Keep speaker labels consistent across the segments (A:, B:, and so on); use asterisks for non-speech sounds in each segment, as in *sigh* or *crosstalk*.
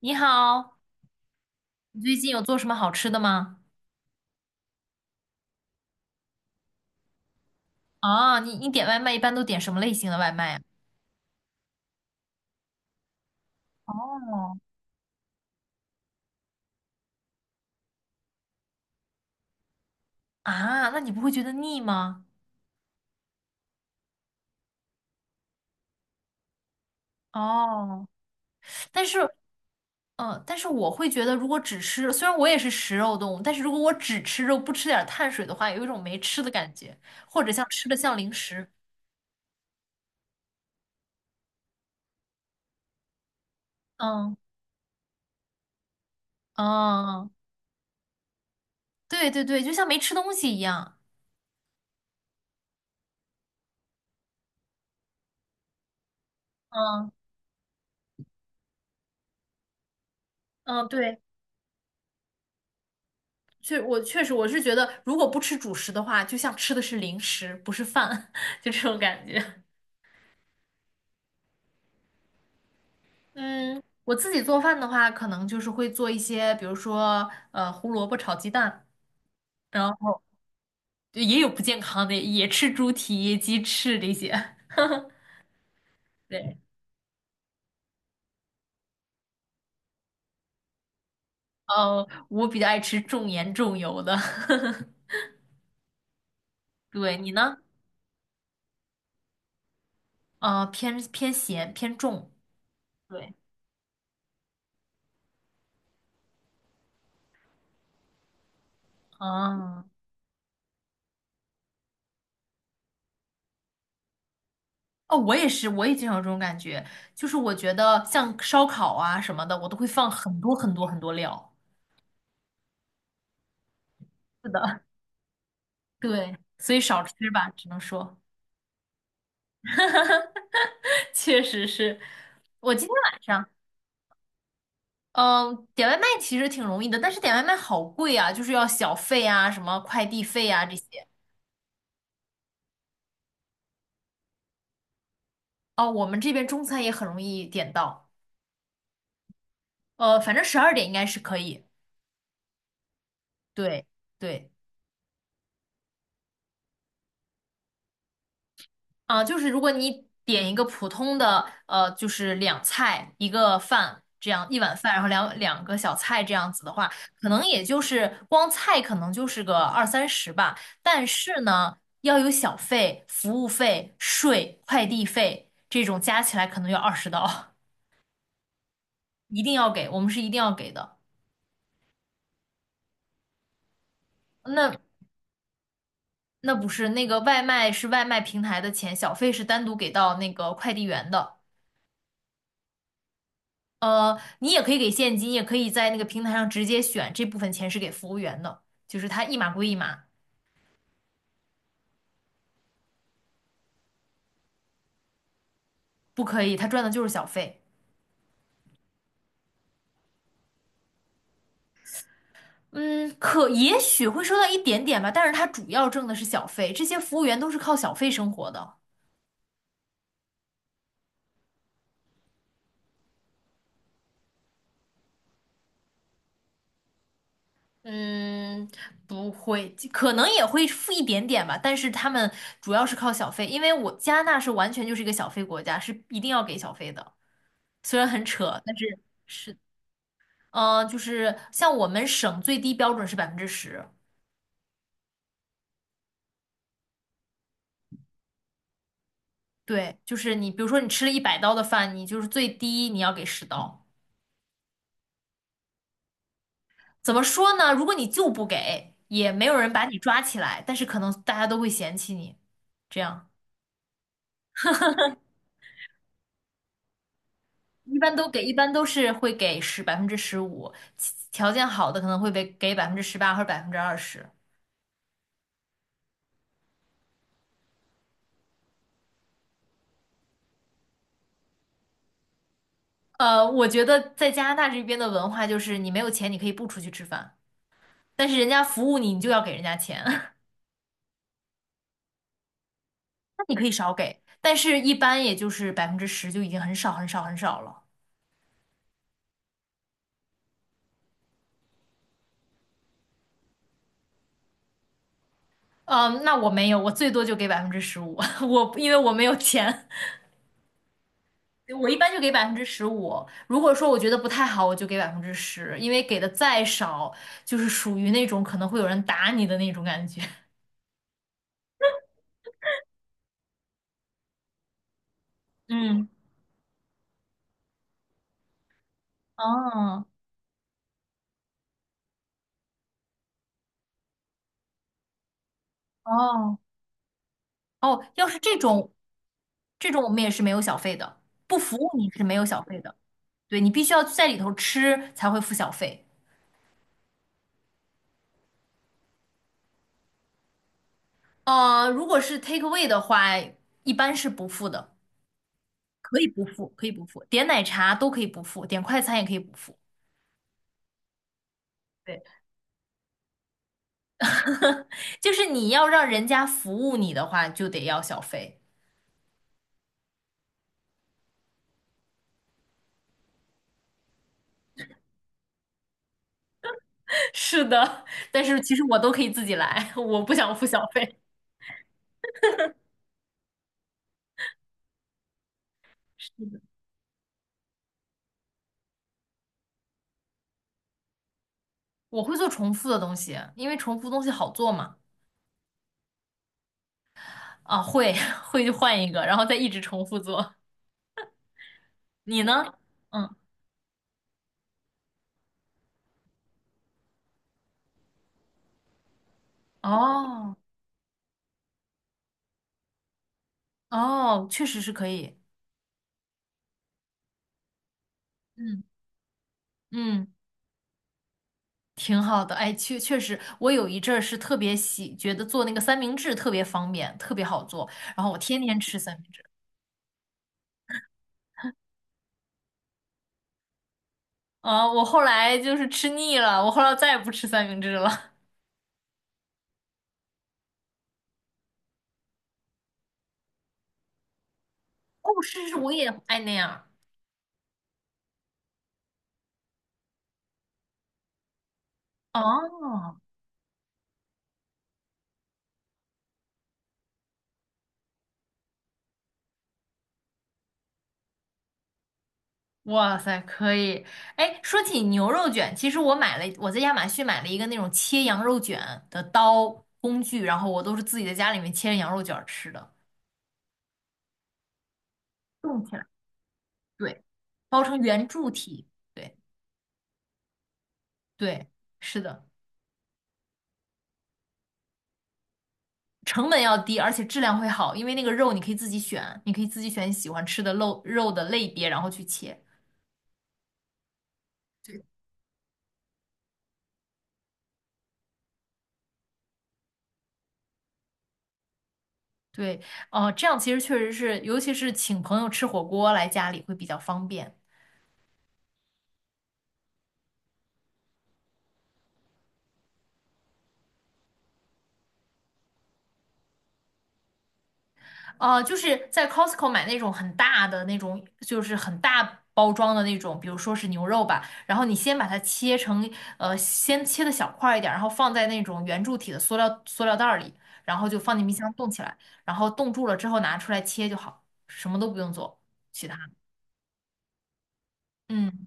A: 你好，你最近有做什么好吃的吗？啊，你点外卖一般都点什么类型的外卖呀？哦，啊，那你不会觉得腻吗？哦，但是，嗯、但是我会觉得，如果只吃，虽然我也是食肉动物，但是如果我只吃肉，不吃点儿碳水的话，有一种没吃的感觉，或者像吃的像零食。嗯嗯，对对对，就像没吃东西一样。嗯嗯，对。我确实我是觉得，如果不吃主食的话，就像吃的是零食，不是饭，*laughs* 就这种感觉。*laughs* 嗯，我自己做饭的话，可能就是会做一些，比如说胡萝卜炒鸡蛋，然后也有不健康的，也吃猪蹄、鸡翅这些。对，我比较爱吃重盐重油的。*laughs* 对，你呢？偏咸偏重。对，啊。哦，我也是，我也经常有这种感觉，就是我觉得像烧烤啊什么的，我都会放很多很多很多料。是的，对，所以少吃吧，只能说，*laughs* 确实是。我今天晚上，嗯，点外卖其实挺容易的，但是点外卖好贵啊，就是要小费啊，什么快递费啊这些。哦，我们这边中餐也很容易点到，反正12点应该是可以。对对。啊，就是如果你点一个普通的，就是两菜一个饭这样一碗饭，然后两个小菜这样子的话，可能也就是光菜可能就是个二三十吧。但是呢，要有小费、服务费、税、快递费这种加起来可能要20刀，*laughs* 一定要给，我们是一定要给的。那那不是那个外卖是外卖平台的钱，小费是单独给到那个快递员的。你也可以给现金，也可以在那个平台上直接选这部分钱是给服务员的，就是他一码归一码，不可以，他赚的就是小费。嗯，可也许会收到一点点吧，但是他主要挣的是小费，这些服务员都是靠小费生活的。嗯，不会，可能也会付一点点吧，但是他们主要是靠小费，因为我加拿大是完全就是一个小费国家，是一定要给小费的，虽然很扯，但是是，就是像我们省最低标准是百分之十。对，就是你，比如说你吃了100刀的饭，你就是最低你要给十刀。怎么说呢？如果你就不给，也没有人把你抓起来，但是可能大家都会嫌弃你。这样一般都给，一般都是会给百分之十五，其条件好的可能会被给18%或者20%。我觉得在加拿大这边的文化就是你没有钱你可以不出去吃饭，但是人家服务你，你就要给人家钱，*laughs* 那你可以少给，但是一般也就是百分之十就已经很少很少很少了。嗯，那我没有，我最多就给百分之十五，*laughs* 我因为我没有钱，我一般就给百分之十五。如果说我觉得不太好，我就给百分之十，因为给的再少，就是属于那种可能会有人打你的那种感觉。*laughs* 嗯，哦哦哦，要是这种，这种我们也是没有小费的，不服务你是没有小费的，对你必须要在里头吃才会付小费。如果是 take away 的话，一般是不付的。可以不付，可以不付，点奶茶都可以不付，点快餐也可以不付。对，就是你要让人家服务你的话，就得要小费。*laughs* 是的，但是其实我都可以自己来，*laughs* 我不想付小费。是的，我会做重复的东西，因为重复东西好做嘛。啊，会 *laughs* 会就换一个，然后再一直重复做。你呢？嗯，哦哦，确实是可以。嗯嗯。挺好的，哎，确实，我有一阵儿是特别喜，觉得做那个三明治特别方便，特别好做，然后我天天吃三明治。啊，我后来就是吃腻了，我后来再也不吃三明治了。*laughs* 哦，是是，我也爱那样哦，哇塞，可以。哎，说起牛肉卷，其实我买了，我在亚马逊买了一个那种切羊肉卷的刀工具，然后我都是自己在家里面切着羊肉卷儿吃的，冻起来，对，包成圆柱体，对对，是的。成本要低，而且质量会好，因为那个肉你可以自己选，你可以自己选你喜欢吃的肉的类别，然后去切。对，对，哦、这样其实确实是，尤其是请朋友吃火锅来家里会比较方便。就是在 Costco 买那种很大的那种，就是很大包装的那种，比如说是牛肉吧，然后你先把它切成，先切的小块儿一点儿，然后放在那种圆柱体的塑料袋儿里，然后就放进冰箱冻起来，然后冻住了之后拿出来切就好，什么都不用做，其他，嗯，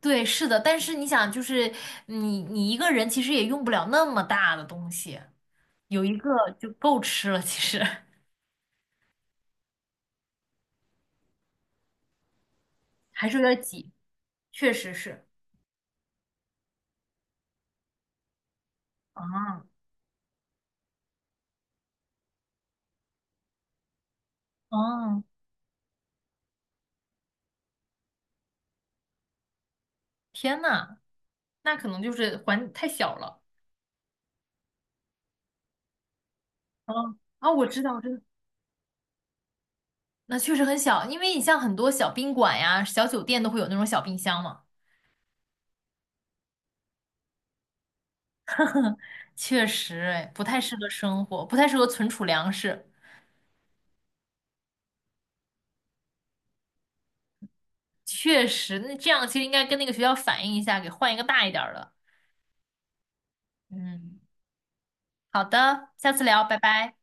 A: 对，是的，但是你想，就是你一个人其实也用不了那么大的东西，有一个就够吃了，其实 *laughs* 还是有点挤，确实是，啊，哦。天呐，那可能就是环太小了。啊啊，我知道，我知道，那确实很小，因为你像很多小宾馆呀、小酒店都会有那种小冰箱嘛。确实，哎，不太适合生活，不太适合存储粮食。确实，那这样其实应该跟那个学校反映一下，给换一个大一点儿的。嗯，好的，下次聊，拜拜。